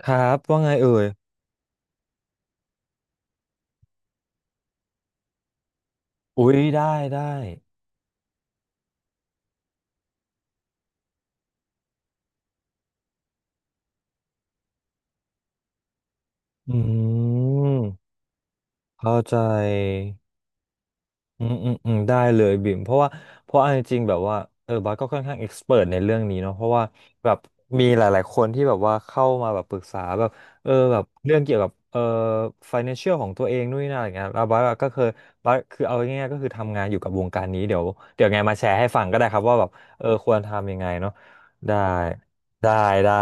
ครับว่าไงเอ่ยอุ้ยได้ได้อืมเข้าใจ อืมอืมอืมได้เลยบิ่มเพราะว่าเพราะเอาจริงๆแบบว่าเออบาสก็ค่อนข้างเอ็กซ์เพรในเรื่องนี้เนาะเพราะว่าแบบมีหลายๆคนที่แบบว่าเข้ามาแบบปรึกษาแบบเออแบบเรื่องเกี่ยวกับเออ financial ของตัวเองนู่นนี่นั่นอะไรเงี้ยแล้วบาสก็เคยบาสคือเอาง่ายๆก็คือทำงานอยู่กับวงการนี้เดี๋ยวไงมาแชร์ให้ฟังก็ได้ครับว่าแบบเออควรทำยังไงเนาะได้ได้ได้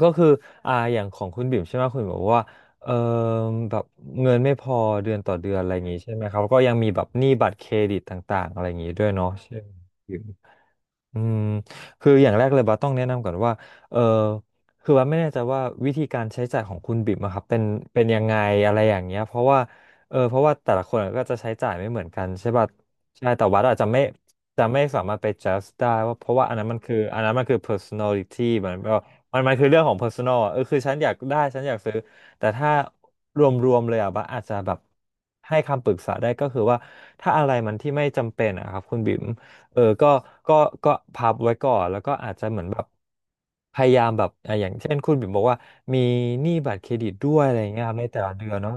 ก็คืออ่าอย่างของคุณบิ่มใช่ไหมคุณบิ่มบอกว่า เอ่อแบบเงินไม่พอเดือนต่อเดือนอะไรอย่างงี้ใช่ไหมครับก็ยังมีแบบหนี้บัตรเครดิตต่างๆอะไรอย่างงี้ด้วยเนาะใช่ไหม อืมคืออย่างแรกเลยบัสต้องแนะนำก่อนว่าเออคือบัสไม่แน่ใจว่าวิธีการใช้จ่ายของคุณบิ๊มอะครับเป็นเป็นยังไงอะไรอย่างเงี้ยเพราะว่าเออเพราะว่าแต่ละคนก็จะใช้จ่ายไม่เหมือนกันใช่ป่ะใช่แต่วัดอาจจะไม่จะไม่สามารถไป judge ได้ว่าเพราะว่าอันนั้นมันคือ personality มันก็มันคือเรื่องของ personal อะเออคือฉันอยากได้ฉันอยากซื้อแต่ถ้ารวมๆเลยอ่ะบัสอาจจะแบบให้คำปรึกษาได้ก็คือว่าถ้าอะไรมันที่ไม่จำเป็นอะครับคุณบิ๋ม เออก็ก็พับไว้ก่อนแล้วก็อาจจะเหมือนแบบพยายามแบบอ่ะอย่างเช่นคุณบิ่มบอกว่ามีหนี้บัตรเครดิตด้วยอะไรเงี้ยครับในแต่ละเดือนเนาะ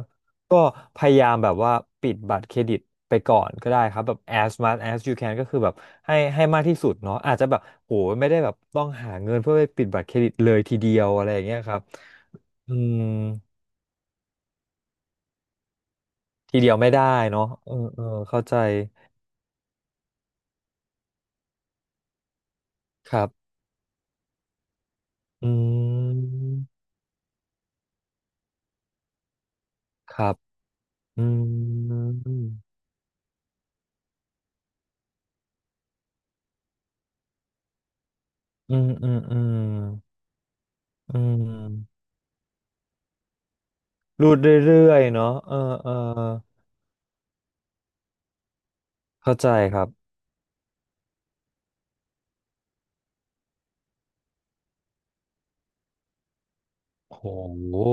ก็พยายามแบบว่าปิดบัตรเครดิตไปก่อนก็ได้ครับแบบ as much as you can ก็คือแบบให้มากที่สุดเนาะอาจจะแบบโหไม่ได้แบบต้องหาเงินเพื่อไปปิดบัตรเครดิตเลยทีเดียวอะไรอย่างเงี้ยครับอืมทีเดียวไม่ได้เนาะเออเออเข้าใจ ครับอืมครับอืม อืมอืมอืมอืมรูดเรื่อยๆเนาะเออเออเข้าใจครับโห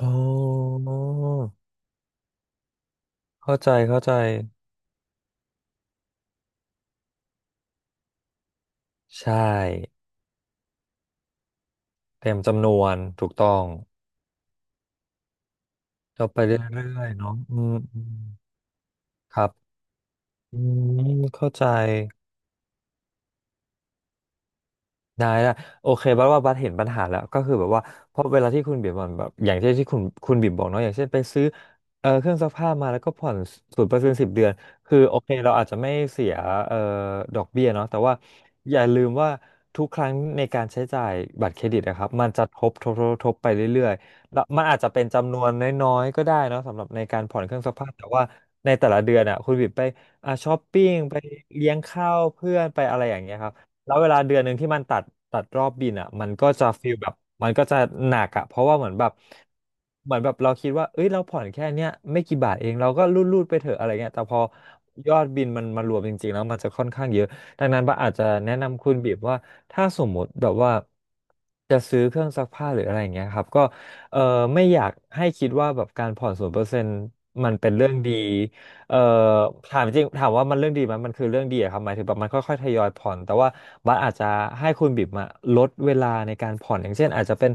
โอ้เข้าใจเข้าใจใช่เต็มจำนวนถูกต้องเราไปเรื่อยๆเนาะอืมอืมครับอืมเข้าใจ ได้ได้โอเคบัดเห็นปัญหาแล้วก็คือแบบว่าเพราะเวลาที่คุณบิ่มมันแบบอย่างเช่นที่คุณบิ่มบอกเนาะอย่างเช่นไปซื้อเครื่องซักผ้ามาแล้วก็ผ่อน0% 10 เดือนคือโอเคเราอาจจะไม่เสียเอ่อดอกเบี้ยเนาะแต่ว่าอย่าลืมว่าทุกครั้งในการใช้จ่ายบัตรเครดิตนะครับมันจะทบทบทบทบไปเรื่อยๆแล้วมันอาจจะเป็นจำนวนน้อยๆก็ได้เนาะสำหรับในการผ่อนเครื่องซักผ้าแต่ว่าในแต่ละเดือนอ่ะคุณบิ่มไปอ่ะช้อปปิ้งไปเลี้ยงข้าวเพื่อนไปอะไรอย่างเงี้ยครับ แล้วเวลาเดือนหนึ่งที่มันตัดรอบบินอ่ะมันก็จะฟีลแบบมันก็จะหนักอ่ะเพราะว่าเหมือนแบบเราคิดว่าเอ้ยเราผ่อนแค่เนี้ยไม่กี่บาทเองเราก็รูดๆไปเถอะอะไรเงี้ยแต่พอยอดบินมันมารวมจริงๆแล้วมันจะค่อนข้างเยอะดังนั้นบ้าอาจจะแนะนำคุณบีบว่าถ้าสมมติแบบว่าจะซื้อเครื่องซักผ้าหรืออะไรอย่างเงี้ยครับก็เออไม่อยากให้คิดว่าแบบการผ่อนศูนย์เปอร์เซ็นต์มันเป็นเรื่องดี เอ่อถามจริงถามว่ามันเรื่องดีไหมมันคือเรื่องดีอะครับหมายถึงแบบมันค่อยๆทยอยผ่อนแต่ว่าบัสอาจจะให้คุณบิ๋มอะลดเวลาในการผ่อนอย่างเช่นอาจจะเป็น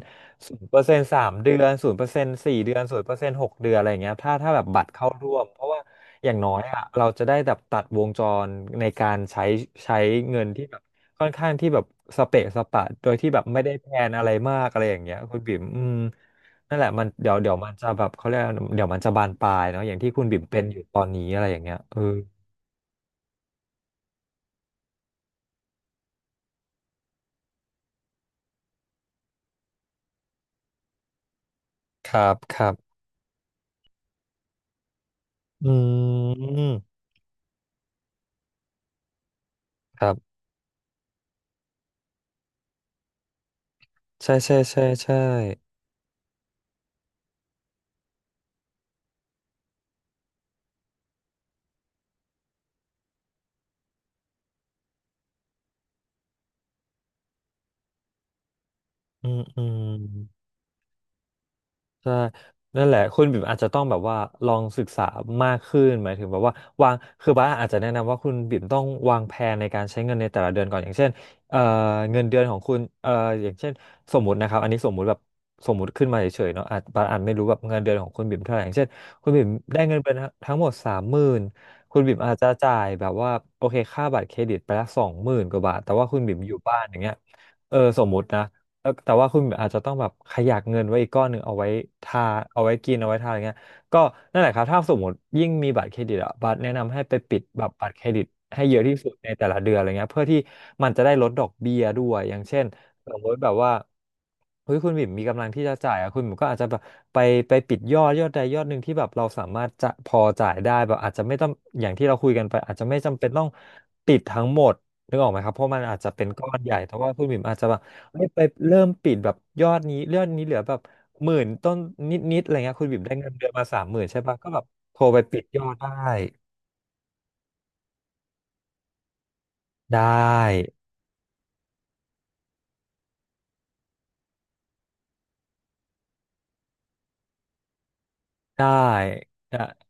0% 3 เดือน0% 4 เดือน0% 6 เดือนอะไรอย่างเงี้ยถ้าแบบบัตรเข้าร่วมเพราะว่าอย่างน้อยอะเราจะได้แบบตัดวงจรในการใช้เงินที่แบบค่อนข้างที่แบบสเปะสปะโดยที่แบบไม่ได้แพลนอะไรมากอะไรอย่างเงี้ยคุณบิ๋มอืม นั่นแหละมันเดี๋ยวมันจะแบบเขาเรียกว่าเดี๋ยวมันจะบานปลายเนาะอย่างที่คุณบิ่มเป็นอยู่ตอนนี้อะไรอย่างเงี้ยเออครับครับอืมครับใช่ใช่ใช่ใช่อืมอืม ใช่นั่นแหละคุณบิ่มอาจจะต้องแบบว่าลองศึกษามากขึ้นหมายถึงแบบว่าวางคือบ้าสอาจจะแนะนำว่าคุณบิ่มต้องวางแผนในการใช้เงินในแต่ละเดือนก่อนอย่างเช่นเอ่อเงินเดือนของคุณอย่างเช่นสมมตินะครับอันนี้สมมุติแบบสมมุติขึ้นมาเฉยๆเนาะอาจบาสอาจไม่รู้แบบเงินเดือนของคุณบิ่มเท่าไหร่อย่างเช่นคุณบิ่มได้เงินเดือนทั้งหมดสามหมื่นคุณบิ่มอาจจะจ่ายแบบว่าโอเคค่าบัตรเครดิตไปละสองหมื่นกว่าบาทแต่ว่าคุณบิ่มอยู่บ้านอย่างเงี้ยเออสมมตินะ เออแต่ว่าคุณอาจจะต้องแบบขยักเงินไว้อีกก้อนหนึ่งเอาไว้ทาเอาไว้กินเอาไว้ทาอะไรเงี้ยก็นั่นแหละครับถ้าสมมติยิ่งมีบัตรเครดิตอะบัตรแนะนำให้ไปปิดแบบบัตรเครดิตให้เยอะที่สุดในแต่ละเดือนอะไรเงี้ยเพื่อที่มันจะได้ลดดอกเบี้ยด้วยอย่างเช่นสมมติแบบว่าเฮ้ยคุณบิ่มมีกำลังที่จะจ่ายอะคุณบิ่มก็อาจจะแบบไปปิดยอดยอดใดยอดหนึ่งที่แบบเราสามารถจะพอจ่ายได้แบบอาจจะไม่ต้องอย่างที่เราคุยกันไปอาจจะไม่จำเป็นต้องปิดทั้งหมด นึกออกไหมครับเพราะมันอาจจะเป็นก้อนใหญ่แต่ว่าคุณบิ่มอาจจะแบบไปเริ่มปิดแบบยอดนี้ยอดนี้เหลือแบบหมื่นต้นนิดๆอะไรเงี้ยคุณบิ่มได้เงินเดือนมาสามหมื่นใช่ปะก็แบบโทรไปปิดยอดได้ได้ได้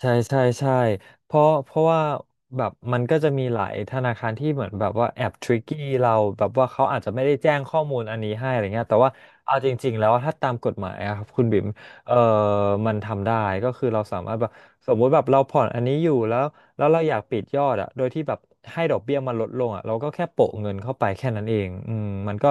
ใช่ใช่ใช่เพราะว่าแบบมันก็จะมีหลายธนาคารที่เหมือนแบบว่าแอบทริกกี้เราแบบว่าเขาอาจจะไม่ได้แจ้งข้อมูลอันนี้ให้อะไรเงี้ยแต่ว่าเอาจริงๆแล้วถ้าตามกฎหมายอะครับคุณบิ่มเออมันทำได้ก็คือเราสามารถแบบสมมุติแบบเราผ่อนอันนี้อยู่แล้วแล้วเราอยากปิดยอดอะโดยที่แบบให้ดอกเบี้ยมันลดลงอะเราก็แค่โปะเงินเข้าไปแค่นั้นเองอืมมันก็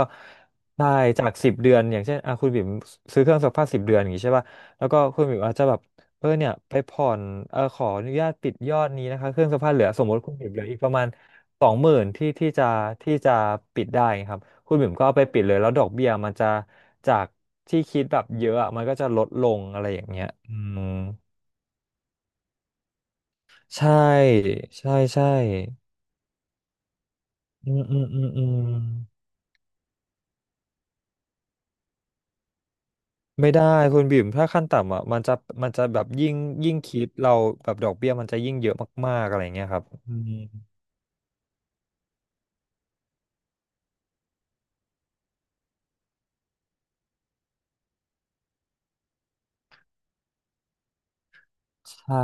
ได้จากสิบเดือนอย่างเช่นอ่ะคุณบิ่มซื้อเครื่องซักผ้าสิบเดือนอย่างงี้ใช่ปะ แล้วก็คุณหมิวอาจจะแบบเออเนี่ยไปผ่อนเออขออนุญาตปิดยอดนี้นะคะเครื่องซักผ้าเหลือสมมติคุณหมิวเหลืออีกประมาณสองหมื่นที่จะปิดได้ครับคุณหมิวก็เอาไปปิดเลยแล้วดอกเบี้ยมันจะจากที่คิดแบบเยอะอะมันก็จะลดลงอะไรอย่างเงี้ยอืมใช่ใช่ใช่อืมอืมอืมอืมไม่ได้คุณบิ่มถ้าขั้นต่ำอ่ะมันจะแบบยิ่งคิดเราแบบดอกเบี้ยมันจะยิ่งเยอะมากๆอะไรเงี้ยครับอืมใช่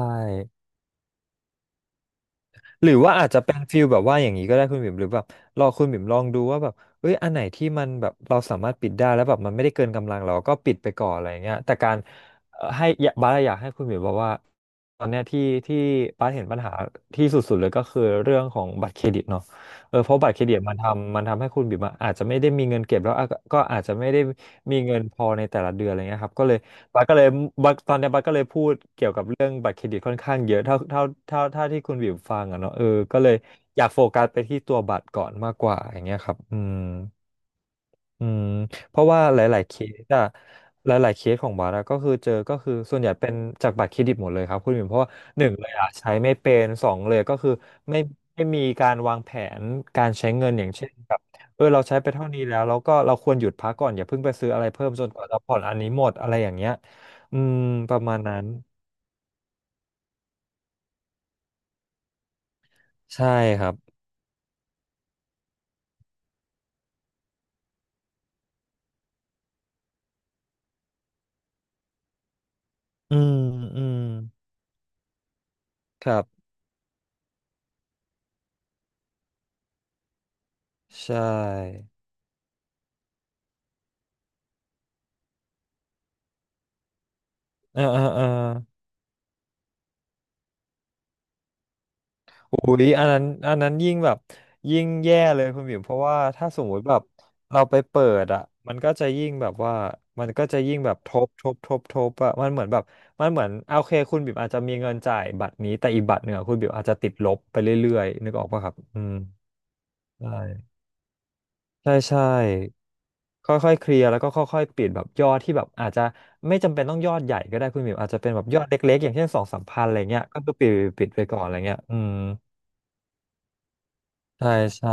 หรือว่าอาจจะเป็นฟิลแบบว่าอย่างนี้ก็ได้คุณบิ่มหรือแบบรอคุณบิ่มลองดูว่าแบบเอ้ยอันไหนที่มันแบบเราสามารถปิดได้แล้วแบบมันไม่ได้เกินกำลังเราก็ปิดไปก่อนอะไรเงี้ยแต่การให้อย่าบาสอยากให้คุณบิ่มบอกว่าตอนเนี้ยที่บาสเห็นปัญหาที่สุดๆเลยก็คือเรื่องของบัตรเครดิตเนาะเออเพราะบัตรเครดิตมันทำให้คุณบิ่มอะอาจจะไม่ได้มีเงินเก็บแล้วอะก็อาจจะไม่ได้มีเงินพอในแต่ละเดือนอะไรเงี้ยครับก็เลยบัสก็เลยบาสตอนเนี้ยบัสก็เลยพูด เรื่องบัตรเครดิตค่อนข้างเยอะเท่าที่คุณวิวฟังอะเนาะเออก็เลยอยากโฟกัสไปที่ตัวบัตรก่อนมากกว่าอย่างเงี้ยครับอืมอืมเพราะว่าสอะหลายๆเคสของบัตรอะก็คือเจอก็คือส่วนใหญ่เป็นจากบัตรเครดิตหมดเลยครับคุณวิวเพราะว่าหนึ่งเลยอะใช้ไม่เป็นสองเลยก็คือไม่ไม่มีการวางแผนการใช้เงินอย่างเช่นเออเราใช้ไปเท่านี้แล้วแล้วก็เราควรหยุดพักก่อนอย่าเพิ่งไปซื้ออะไรเพิ่มจนกว่าเราผ่อนอันนี้หมดอะไรอย่างเงี้ยอืมประมาณนั้นใช่ครับ อืมอืมครับใช่เออเออเอออุ๊ยอันนั้นยิ่งแบบยิ่งแย่เลยคุณบิ๋มเพราะว่าถ้าสมมุติแบบเราไปเปิดอ่ะมันก็จะยิ่งแบบว่ามันก็จะยิ่งแบบทบทบทบทบอ่ะมันเหมือนแบบมันเหมือนโอเคคุณบิ๋มอาจจะมีเงินจ่ายบัตรนี้แต่อีกบัตรหนึ่งอะคุณบิ๋มอาจจะติดลบไปเรื่อยๆนึกออกปะครับอืมใช่ใช่ใช่ ค่อยๆเคลียร์แล้วก็ค่อยๆปิดแบบยอดที่แบบอาจจะไม่จำเป็นต้องยอดใหญ่ก็ได้คุณหมิวอาจจะเป็นแบบยอดเล็กๆอย่างเช่น2,000-3,000อะไรเงี้ยก็คือปิดไปก่อนอะไรเงี้ยอืมใช่ใช่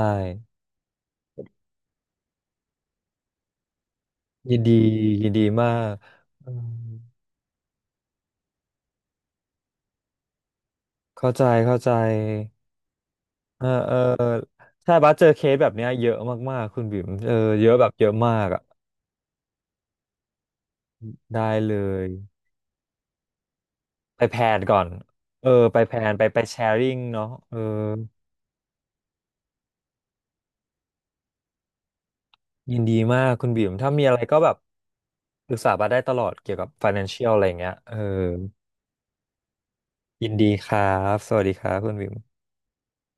ยินดียินดีมากอืมเข้าใจเข้าใจเออเออใช่บัสเจอเคสแบบเนี้ยเยอะมากๆคุณบิ๋มเออเยอะแบบเยอะมากอ่ะได้เลยไปแพลนก่อนเออไปแพลนไปแชร์ริ่งเนาะเออยินดีมากคุณบิ๋มถ้ามีอะไรก็แบบ ปรึกษาบาสได้ตลอดเกี่ยวกับ financial อะไรอย่างเงี้ยเออยินดีครับ สวัสดีครับคุณวิม